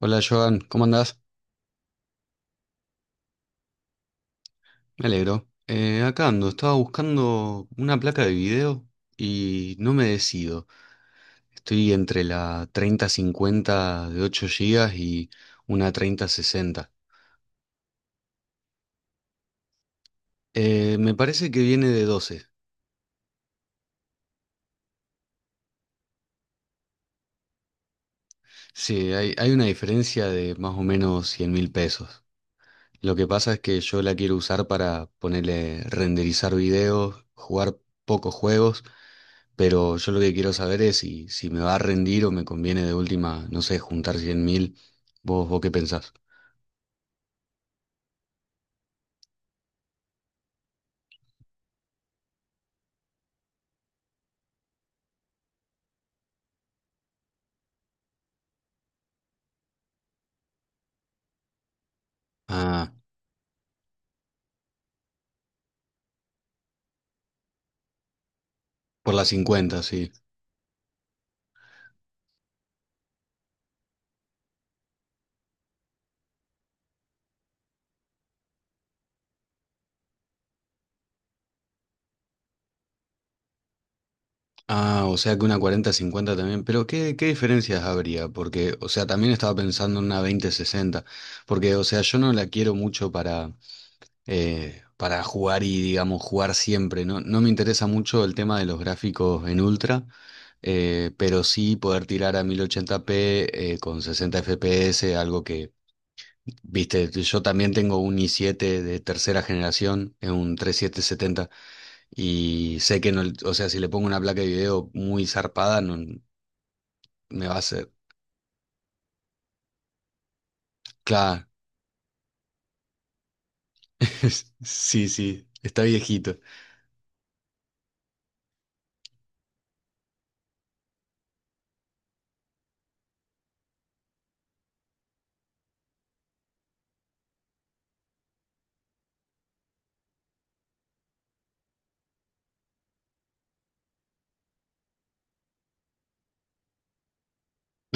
Hola Joan, ¿cómo andás? Me alegro. Acá ando, estaba buscando una placa de video y no me decido. Estoy entre la treinta-cincuenta de 8 gigas y una 3060. Me parece que viene de 12. Sí, hay una diferencia de más o menos 100.000 pesos. Lo que pasa es que yo la quiero usar para ponerle renderizar videos, jugar pocos juegos. Pero yo lo que quiero saber es si me va a rendir o me conviene de última, no sé, juntar 100.000. ¿Vos qué pensás? Ah, por las cincuenta sí. Ah, o sea que una cuarenta cincuenta también. Pero ¿qué diferencias habría? Porque, o sea, también estaba pensando en una veinte sesenta. Porque, o sea, yo no la quiero mucho para jugar y, digamos, jugar siempre. No, no me interesa mucho el tema de los gráficos en ultra. Pero sí poder tirar a 1080p con 60 FPS, algo que... Viste, yo también tengo un i7 de tercera generación, es un 3770, y sé que no, o sea, si le pongo una placa de video muy zarpada, no me va a hacer. Claro, sí, sí, está viejito.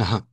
Ajá,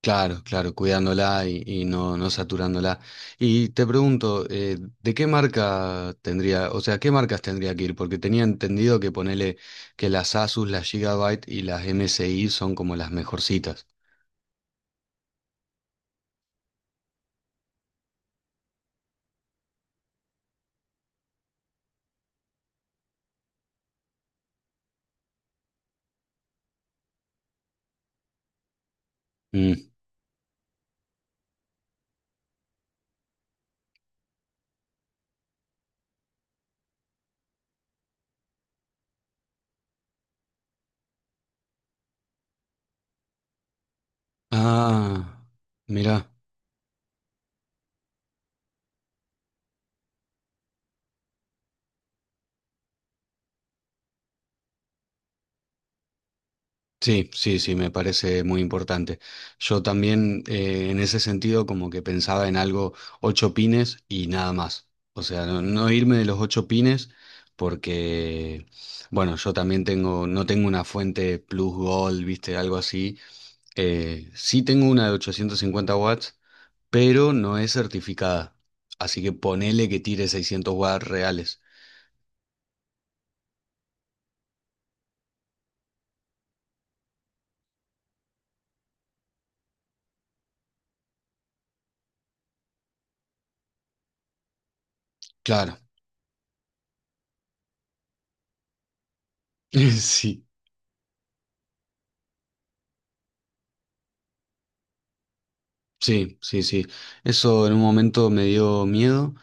claro, claro, cuidándola y, no saturándola. Y te pregunto, ¿de qué marca tendría, o sea, qué marcas tendría que ir? Porque tenía entendido que ponele que las Asus, las Gigabyte y las MSI son como las mejorcitas. Ah, mira, sí, sí, sí, me parece muy importante. Yo también en ese sentido como que pensaba en algo ocho pines y nada más. O sea, no irme de los ocho pines porque, bueno, yo también tengo, no tengo una fuente plus gold, viste, algo así. Sí tengo una de 850 watts, pero no es certificada. Así que ponele que tire 600 watts reales. Claro, sí. Sí, sí, sí. Eso en un momento me dio miedo.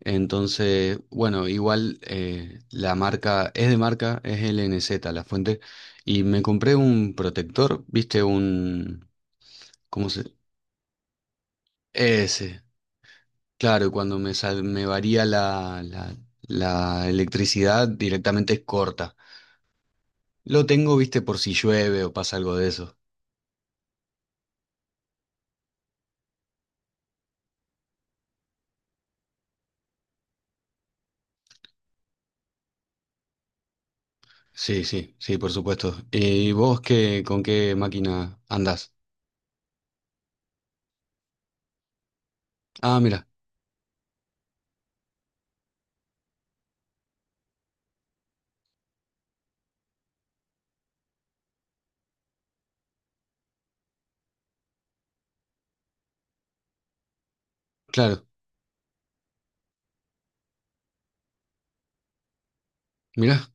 Entonces, bueno, igual la marca es de marca, es LNZ la fuente. Y me compré un protector, ¿viste? Un... ¿Cómo se...? Ese. Claro, y cuando me, me varía la electricidad directamente es corta. Lo tengo, ¿viste? Por si llueve o pasa algo de eso. Sí, sí, sí, por supuesto. ¿Y vos qué, con qué máquina andás? Ah, mira, claro. Mira.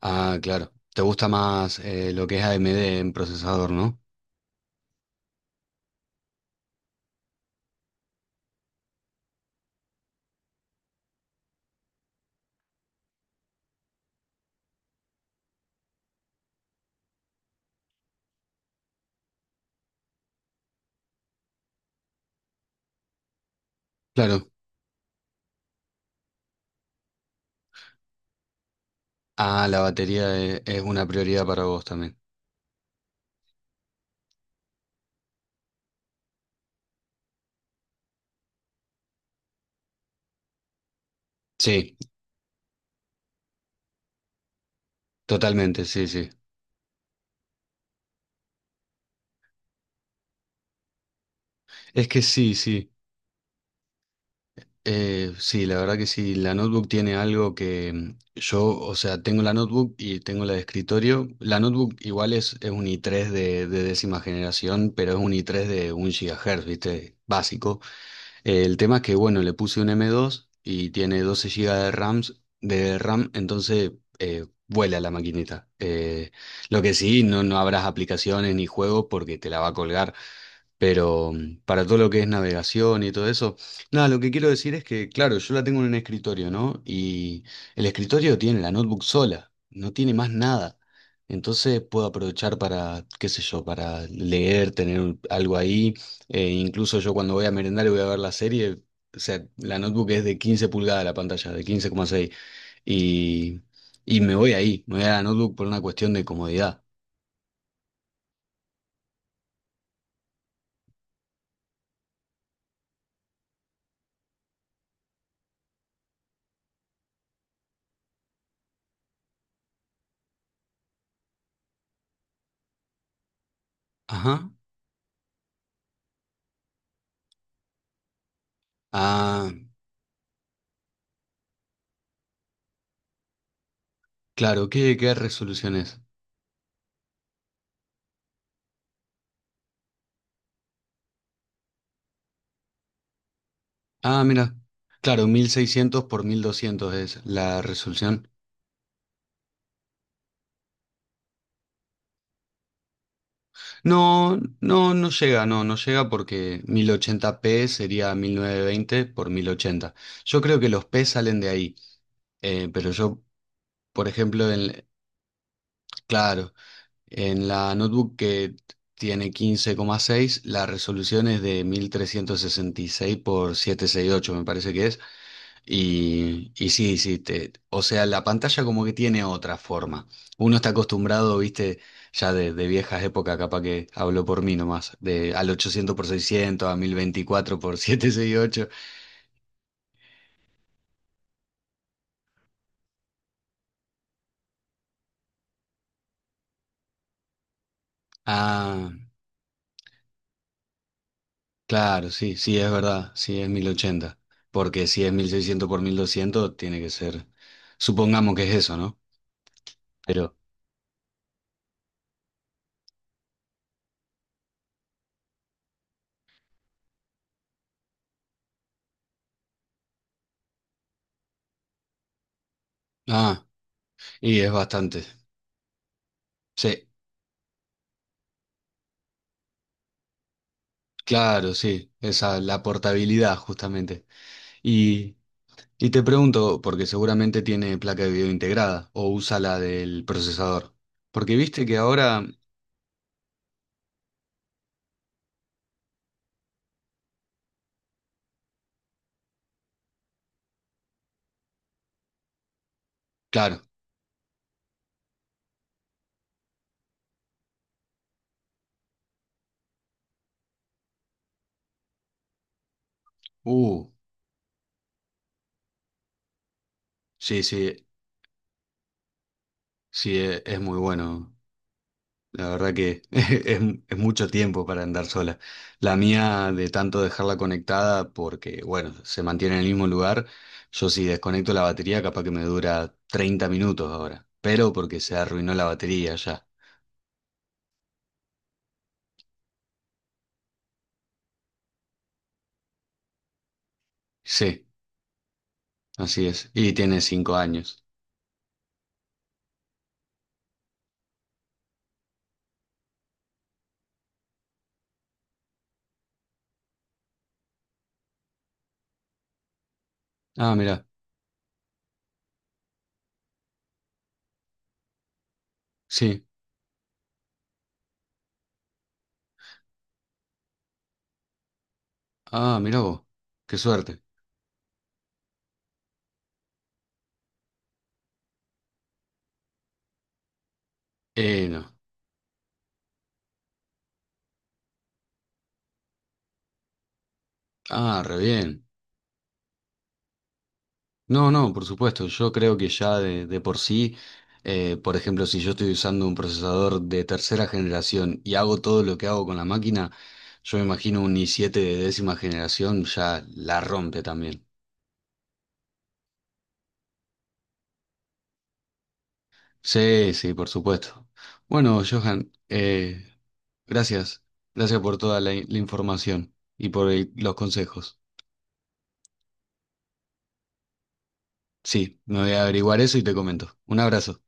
Ah, claro. Te gusta más lo que es AMD en procesador, ¿no? Claro. Ah, la batería es una prioridad para vos también. Sí, totalmente, sí, sí. Es que sí, sí. Sí, la verdad que sí. La notebook tiene algo que yo, o sea, tengo la notebook y tengo la de escritorio. La notebook igual es un i3 de décima generación, pero es un i3 de un GHz, ¿viste? Básico. El tema es que, bueno, le puse un M2 y tiene 12 GB de RAMs, de RAM, entonces vuela la maquinita. Lo que sí, no habrás aplicaciones ni juegos porque te la va a colgar. Pero, para todo lo que es navegación y todo eso, nada, lo que quiero decir es que, claro, yo la tengo en un escritorio, ¿no? Y el escritorio tiene la notebook sola, no tiene más nada. Entonces puedo aprovechar para, qué sé yo, para leer, tener algo ahí. Incluso yo cuando voy a merendar y voy a ver la serie, o sea, la notebook es de 15 pulgadas la pantalla, de 15,6. Y, y me voy ahí, me voy a la notebook por una cuestión de comodidad. Ajá. Ah, claro, ¿qué resolución es? Ah, mira. Claro, 1600 por 1200 es la resolución. No, no, no llega, no, no llega porque 1080p sería 1920 por 1080. Yo creo que los P salen de ahí, eh, pero yo, por ejemplo, claro, en la notebook que tiene 15,6, la resolución es de 1366 por 768, me parece que es. Y sí, sí, o sea, la pantalla como que tiene otra forma. Uno está acostumbrado, viste, ya de viejas épocas, capaz que hablo por mí nomás, de al 800 por 600 a 1024 por 768. Ah, claro, sí, sí, es verdad, sí, es 1080. Porque si es 1600 por 1200 tiene que ser, supongamos que es eso, ¿no? Pero, ah, y es bastante. Sí, claro, sí, esa, la portabilidad justamente. Y, y te pregunto, porque seguramente tiene placa de video integrada o usa la del procesador. Porque viste que ahora, claro, uh, sí, sí, sí, es muy bueno. La verdad que es mucho tiempo para andar sola. La mía, de tanto dejarla conectada, porque, bueno, se mantiene en el mismo lugar, yo si desconecto la batería, capaz que me dura 30 minutos ahora. Pero porque se arruinó la batería ya. Sí, así es. Y tiene 5 años. Ah, mira, sí. Ah, mirá vos, qué suerte. No. Ah, re bien. No, no, por supuesto, yo creo que ya de por sí, por ejemplo, si yo estoy usando un procesador de tercera generación y hago todo lo que hago con la máquina, yo me imagino un i siete de décima generación ya la rompe también. Sí, sí, por supuesto. Bueno, Johan, gracias. Gracias por toda la, la información y por los consejos. Sí, me voy a averiguar eso y te comento. Un abrazo.